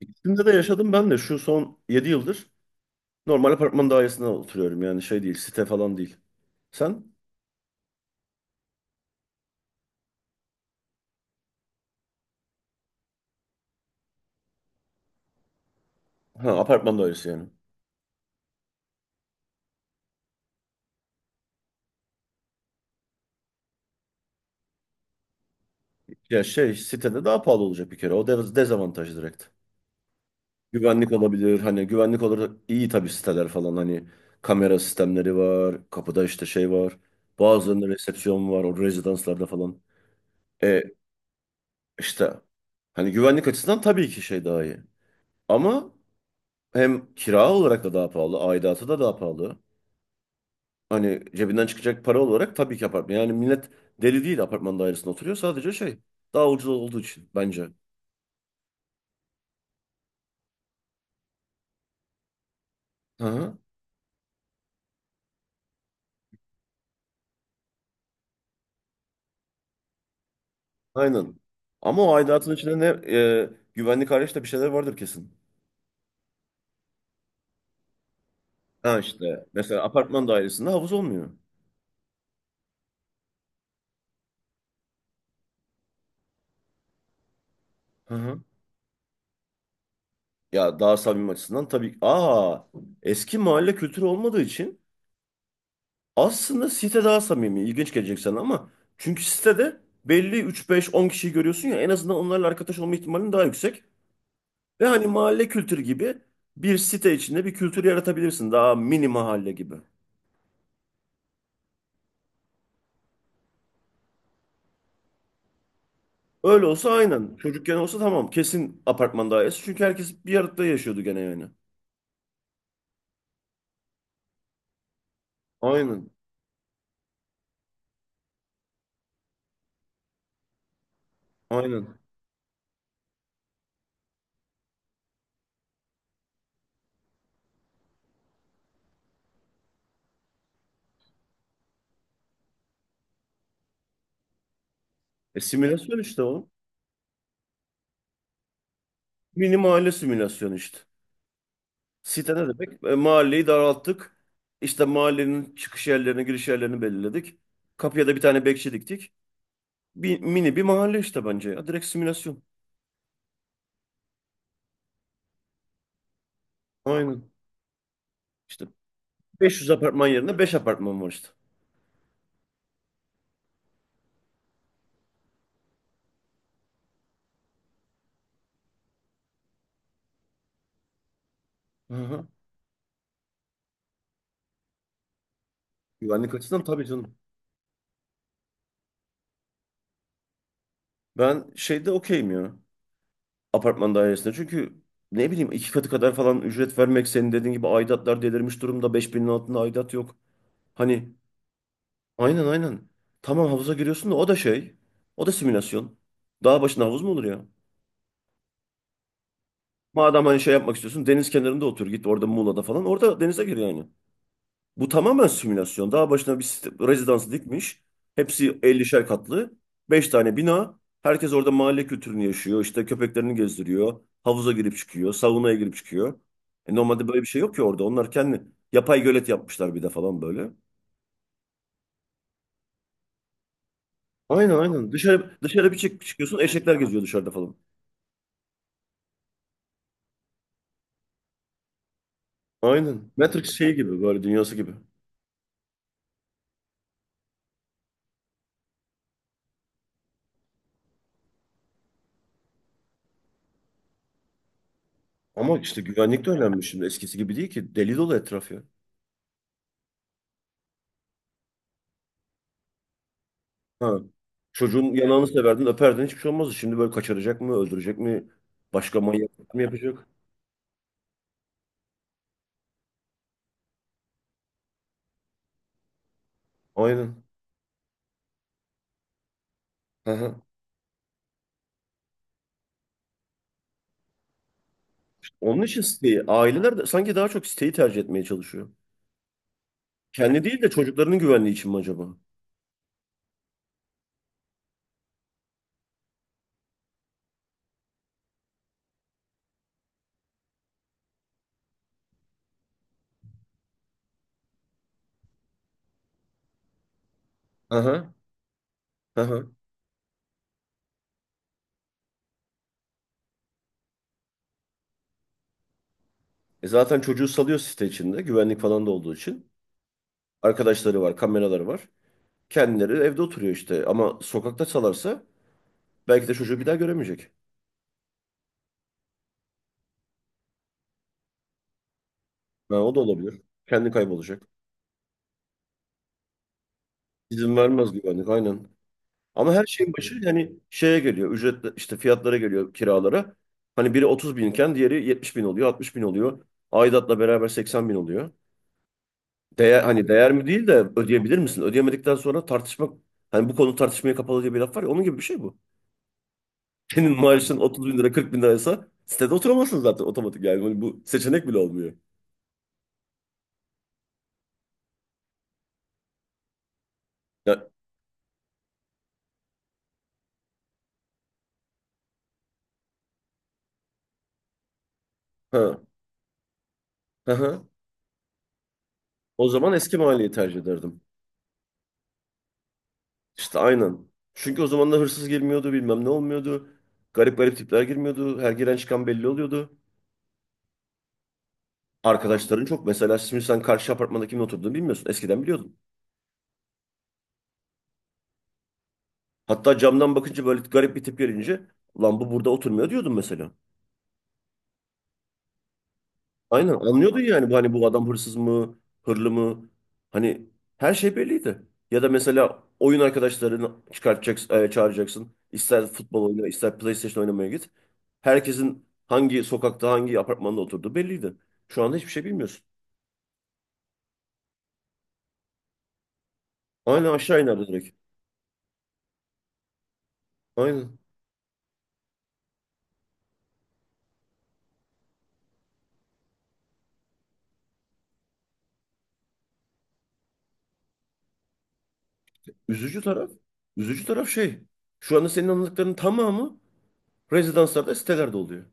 İkisinde de yaşadım ben de şu son 7 yıldır normal apartman dairesinde oturuyorum yani şey değil site falan değil. Sen? Ha apartman dairesi yani. Ya şey sitede daha pahalı olacak bir kere dezavantaj direkt. Güvenlik olabilir hani güvenlik olarak iyi tabii siteler falan hani kamera sistemleri var kapıda işte şey var bazılarında resepsiyon var o rezidanslarda falan. E işte hani güvenlik açısından tabii ki şey daha iyi ama hem kira olarak da daha pahalı aidatı da daha pahalı. Hani cebinden çıkacak para olarak tabii ki apartman. Yani millet deli değil apartman dairesinde oturuyor. Sadece şey daha ucuz olduğu için bence. Hı hı. Aynen. Ama o aidatın içinde güvenlik hariç de bir şeyler vardır kesin. Ha işte mesela apartman dairesinde havuz olmuyor. Hı hı. Ya daha samimi açısından tabii. Eski mahalle kültürü olmadığı için aslında site daha samimi. İlginç gelecek sana ama çünkü sitede belli üç beş on kişiyi görüyorsun ya en azından onlarla arkadaş olma ihtimalin daha yüksek. Ve hani mahalle kültürü gibi bir site içinde bir kültür yaratabilirsin. Daha mini mahalle gibi. Öyle olsa aynen. Çocukken olsa tamam. Kesin apartman dairesi. Çünkü herkes bir arada yaşıyordu gene yani. Aynen. Aynen. E simülasyon işte oğlum. Mini mahalle simülasyonu işte. Site ne demek? E, mahalleyi daralttık. İşte mahallenin çıkış yerlerini, giriş yerlerini belirledik. Kapıya da bir tane bekçi diktik. Mini bir mahalle işte bence ya. Direkt simülasyon. Aynen. İşte 500 apartman yerine 5 apartman var işte. Aha. Güvenlik açısından tabii canım. Ben şeyde okeyim ya. Apartman dairesinde. Çünkü ne bileyim iki katı kadar falan ücret vermek senin dediğin gibi aidatlar delirmiş durumda. 5.000'in altında aidat yok. Hani aynen aynen. Tamam havuza giriyorsun da o da şey. O da simülasyon. Dağ başında havuz mu olur ya? Madem hani şey yapmak istiyorsun deniz kenarında otur git orada Muğla'da falan. Orada denize gir yani. Bu tamamen simülasyon. Daha başına bir rezidansı dikmiş. Hepsi 50'şer katlı. 5 tane bina. Herkes orada mahalle kültürünü yaşıyor. İşte köpeklerini gezdiriyor. Havuza girip çıkıyor. Saunaya girip çıkıyor. E normalde böyle bir şey yok ki orada. Onlar kendi yapay gölet yapmışlar bir de falan böyle. Aynen aynen. Dışarı dışarı bir çıkıyorsun eşekler geziyor dışarıda falan. Aynen. Matrix şey gibi böyle dünyası gibi. Ama işte güvenlik de önemli şimdi. Eskisi gibi değil ki. Deli dolu etraf ya. Ha. Çocuğun yanağını severdin, öperdin hiçbir şey olmazdı. Şimdi böyle kaçıracak mı, öldürecek mi, başka manyaklık mı yapacak? Aynen. Hı hı. Onun için siteyi, aileler de sanki daha çok siteyi tercih etmeye çalışıyor. Kendi değil de çocuklarının güvenliği için mi acaba? Hı hı. Hı hı. E zaten çocuğu salıyor site içinde, güvenlik falan da olduğu için. Arkadaşları var, kameraları var. Kendileri evde oturuyor işte. Ama sokakta salarsa belki de çocuğu bir daha göremeyecek. Ha, o da olabilir. Kendi kaybolacak. İzin vermez güvenlik, aynen. Ama her şeyin başı yani şeye geliyor. Ücret işte fiyatlara geliyor kiralara. Hani biri 30 binken diğeri 70 bin oluyor, 60 bin oluyor. Aidatla beraber 80 bin oluyor. Değer, hani değer mi değil de ödeyebilir misin? Ödeyemedikten sonra tartışmak hani bu konu tartışmaya kapalı diye bir laf var ya onun gibi bir şey bu. Senin maaşın 30 bin lira 40 bin liraysa sitede oturamazsın zaten otomatik yani. Hani bu seçenek bile olmuyor. Ya, ha, ha, ha. O zaman eski mahalleyi tercih ederdim. İşte aynen. Çünkü o zamanlar hırsız girmiyordu, bilmem ne olmuyordu. Garip garip tipler girmiyordu. Her giren çıkan belli oluyordu. Arkadaşların çok. Mesela şimdi sen karşı apartmanda kimin oturduğunu bilmiyorsun. Eskiden biliyordun. Hatta camdan bakınca böyle garip bir tip gelince lan bu burada oturmuyor diyordun mesela. Aynen anlıyordun yani bu hani bu adam hırsız mı, hırlı mı? Hani her şey belliydi. Ya da mesela oyun arkadaşlarını çıkartacaksın, çağıracaksın. İster futbol oyna, ister PlayStation oynamaya git. Herkesin hangi sokakta, hangi apartmanda oturduğu belliydi. Şu anda hiçbir şey bilmiyorsun. Aynen aşağı inerdi direkt. Aynen. Üzücü taraf, üzücü taraf şey. Şu anda senin anlattıklarının tamamı rezidanslarda, sitelerde oluyor.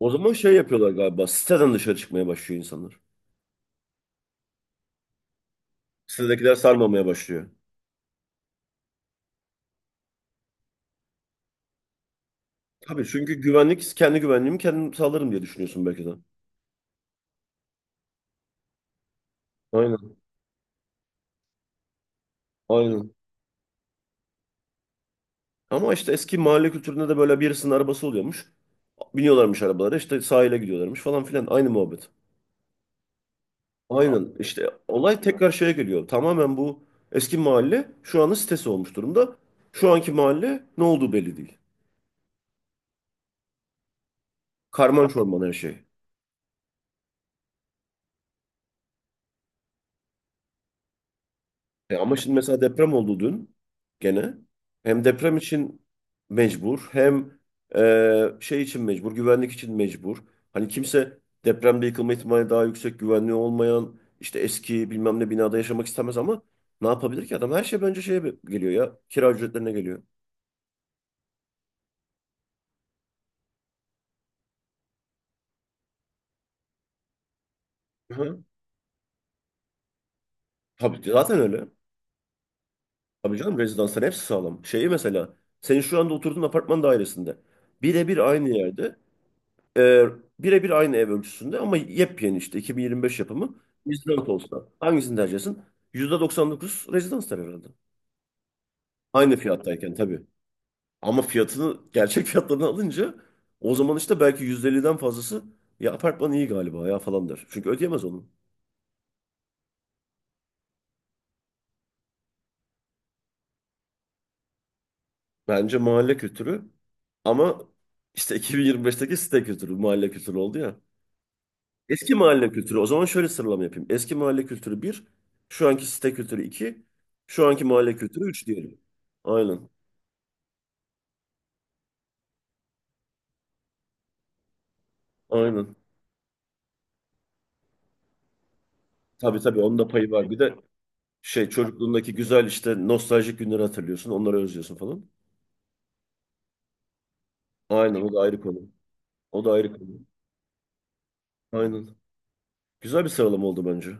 O zaman şey yapıyorlar galiba. Siteden dışarı çıkmaya başlıyor insanlar. Sitedekiler sarmamaya başlıyor. Tabii çünkü güvenlik, kendi güvenliğimi kendim sağlarım diye düşünüyorsun belki de. Aynen, aynen. Ama işte eski mahalle kültüründe de böyle birisinin arabası oluyormuş. Biniyorlarmış arabalara işte sahile gidiyorlarmış falan filan. Aynı muhabbet. Aynen işte olay tekrar şeye geliyor. Tamamen bu eski mahalle şu anın sitesi olmuş durumda. Şu anki mahalle ne olduğu belli değil. Karman çorman her şey. E ama şimdi mesela deprem oldu dün gene. Hem deprem için mecbur hem şey için mecbur, güvenlik için mecbur. Hani kimse depremde yıkılma ihtimali daha yüksek, güvenliği olmayan işte eski bilmem ne binada yaşamak istemez ama ne yapabilir ki adam? Her şey bence şeye geliyor ya, kira ücretlerine geliyor. Hı. Tabii ki, zaten öyle. Tabii canım rezidansların hepsi sağlam. Şeyi mesela senin şu anda oturduğun apartman dairesinde birebir aynı yerde Ee, birebir aynı ev ölçüsünde ama yepyeni işte 2025 yapımı. Rezidans olsa hangisini tercih edersin? %99 rezidans der herhalde. Aynı fiyattayken tabii. Ama fiyatını gerçek fiyatlarını alınca o zaman işte belki %50'den fazlası ya apartman iyi galiba ya falan der. Çünkü ödeyemez onu. Bence mahalle kültürü ama işte 2025'teki site kültürü mahalle kültürü oldu ya. Eski mahalle kültürü. O zaman şöyle sıralama yapayım. Eski mahalle kültürü bir, şu anki site kültürü 2, şu anki mahalle kültürü 3 diyelim. Aynen, aynen. Tabii tabii onun da payı var. Bir de şey çocukluğundaki güzel işte nostaljik günleri hatırlıyorsun, onları özlüyorsun falan. Aynen o da ayrı konu. O da ayrı konu. Aynen. Güzel bir sıralama oldu bence.